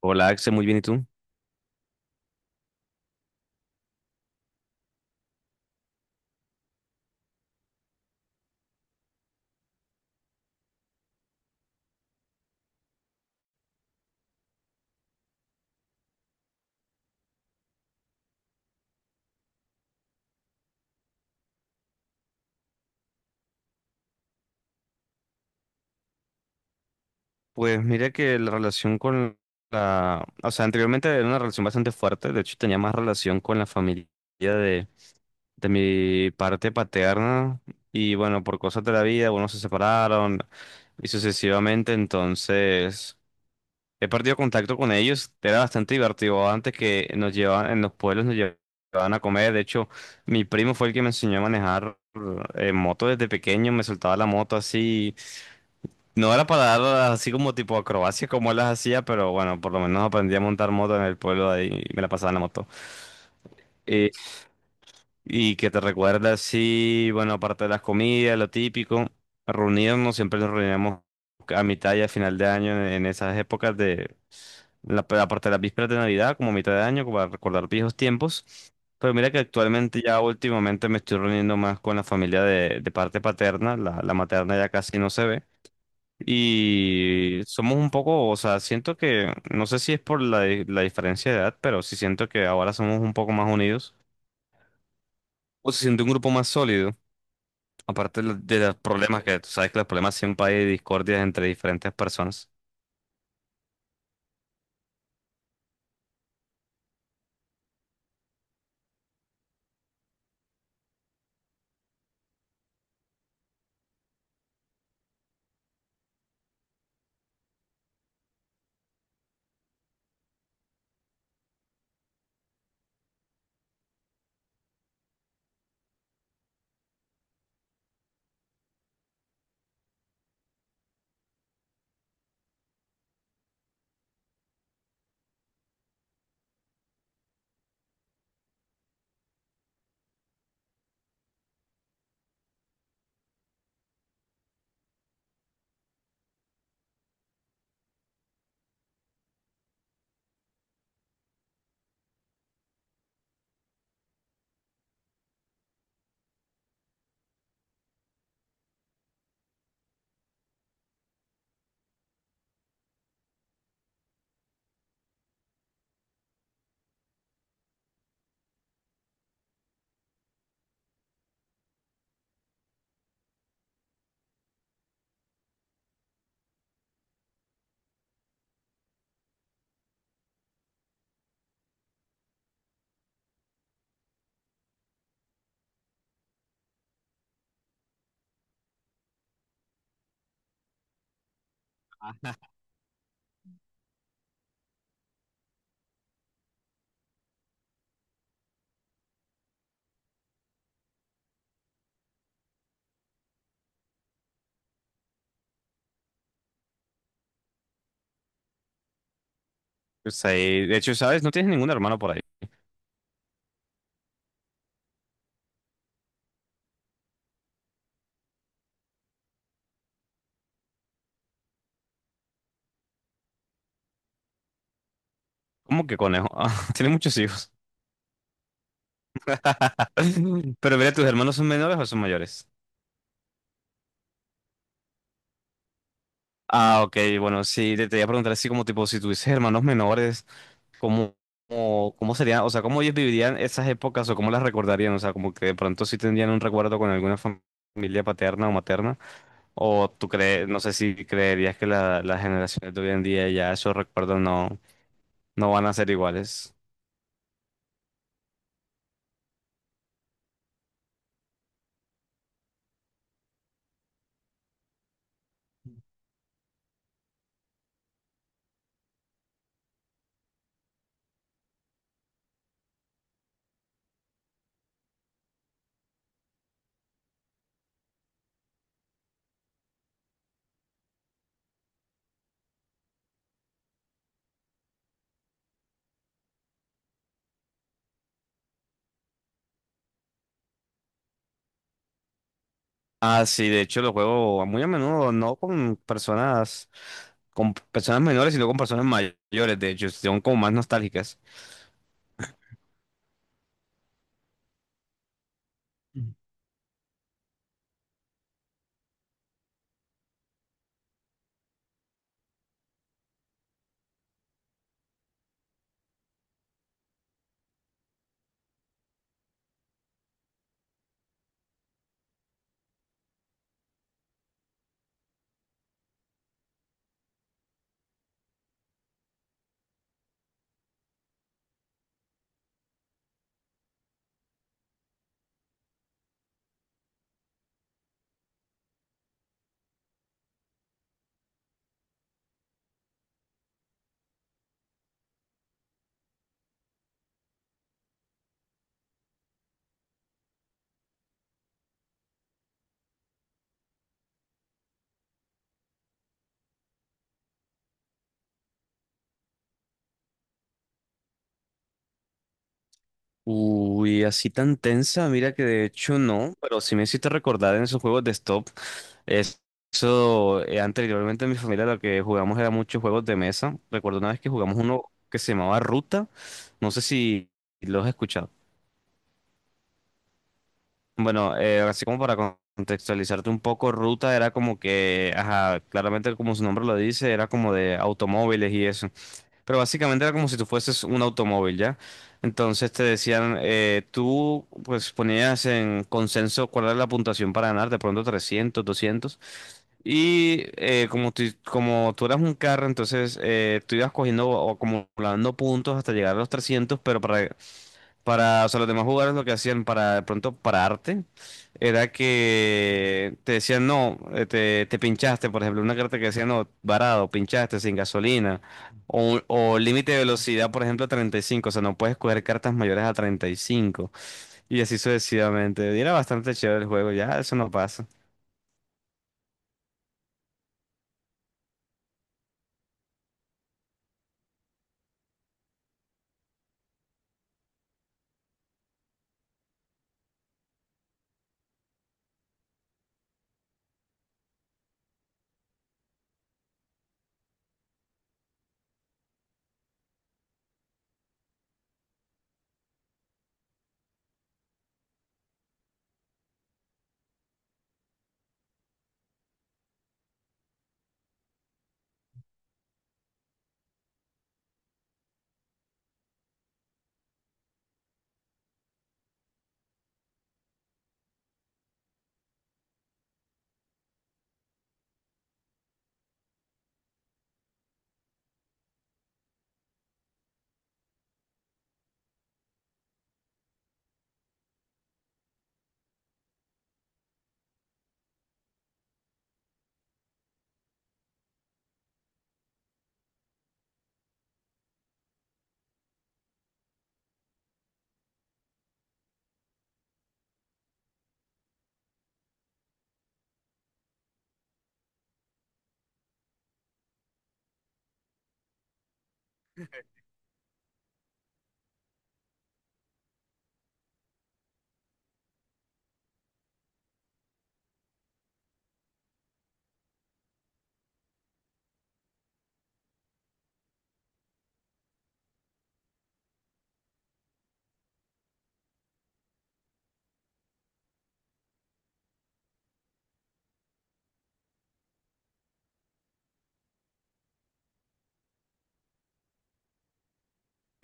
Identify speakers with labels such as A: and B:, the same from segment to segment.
A: Hola, Axel, muy bien, ¿y tú? Pues mira que la relación con anteriormente era una relación bastante fuerte, de hecho tenía más relación con la familia de, de mi parte paterna y bueno, por cosas de la vida, bueno, se separaron y sucesivamente, entonces he perdido contacto con ellos. Era bastante divertido antes que nos llevaban, en los pueblos nos llevaban a comer. De hecho mi primo fue el que me enseñó a manejar moto desde pequeño, me soltaba la moto así. No era para dar así como tipo acrobacias como él las hacía, pero bueno, por lo menos aprendí a montar moto en el pueblo de ahí y me la pasaba en la moto. Eh, ¿Y que te recuerda así? Bueno, aparte de las comidas, lo típico, reunirnos, siempre nos reuníamos a mitad y a final de año en esas épocas de aparte de las vísperas de Navidad, como a mitad de año, como para recordar viejos tiempos. Pero mira que actualmente ya últimamente me estoy reuniendo más con la familia de parte paterna, la materna ya casi no se ve. Y somos un poco, o sea, siento que, no sé si es por la diferencia de edad, pero sí siento que ahora somos un poco más unidos. O se siente un grupo más sólido, aparte de los problemas que, tú sabes que los problemas, siempre hay discordias entre diferentes personas. O sea, y de hecho, ¿sabes? No tienes ningún hermano por ahí. ¿Cómo que conejo? Ah, tienes muchos hijos. Pero mira, ¿tus hermanos son menores o son mayores? Ah, ok, bueno, sí, te iba a preguntar así como tipo, si tuvieses hermanos menores. ¿Cómo, cómo sería? O sea, ¿cómo ellos vivirían esas épocas o cómo las recordarían? O sea, como que de pronto sí tendrían un recuerdo con alguna familia paterna o materna. O tú crees, no sé si creerías que las generaciones de hoy en día ya esos recuerdos no van a ser iguales. Ah, sí, de hecho lo juego muy a menudo, no con personas, con personas menores, sino con personas mayores, de hecho, son como más nostálgicas. Uy, así tan tensa, mira que de hecho no, pero sí me hiciste recordar en esos juegos de stop. es- Eso, anteriormente en mi familia lo que jugamos era muchos juegos de mesa. Recuerdo una vez que jugamos uno que se llamaba Ruta, no sé si lo has escuchado. Bueno, así como para contextualizarte un poco, Ruta era como que, ajá, claramente como su nombre lo dice, era como de automóviles y eso. Pero básicamente era como si tú fueses un automóvil, ¿ya? Entonces te decían, tú pues ponías en consenso cuál era la puntuación para ganar, de pronto 300, 200. Y como tú eras un carro, entonces tú ibas cogiendo o acumulando puntos hasta llegar a los 300, pero para o sea, los demás jugadores lo que hacían para de pronto pararte era que te decían no, te, te pinchaste, por ejemplo, una carta que decía no, varado, pinchaste sin gasolina, o límite de velocidad, por ejemplo, 35, o sea, no puedes coger cartas mayores a 35, y cinco, y así sucesivamente. Y era bastante chévere el juego, ya eso no pasa.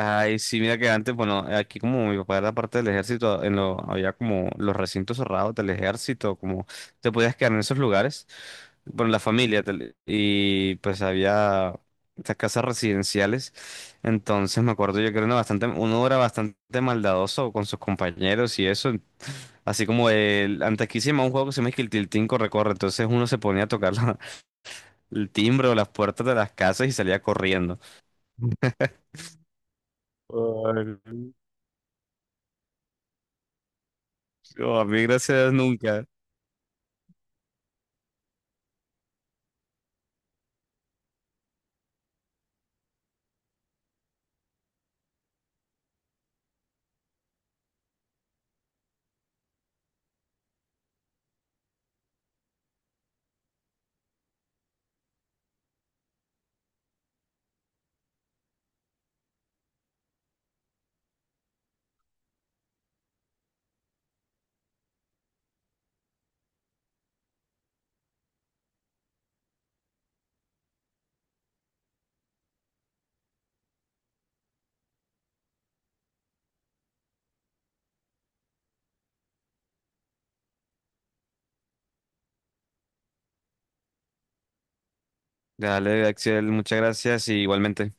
A: Ay, sí, mira que antes, bueno, aquí como mi papá era parte del ejército, había como los recintos cerrados del ejército, como te podías quedar en esos lugares, bueno, la familia, y pues había estas casas residenciales. Entonces me acuerdo yo que era una bastante, uno era bastante maldadoso con sus compañeros y eso, así como antes aquí se llamaba un juego que se llama que el Tiltín corre, corre. Entonces uno se ponía a tocar el timbre o las puertas de las casas y salía corriendo. Ay. Oh, a mí gracias nunca. Dale, Axel, muchas gracias y igualmente.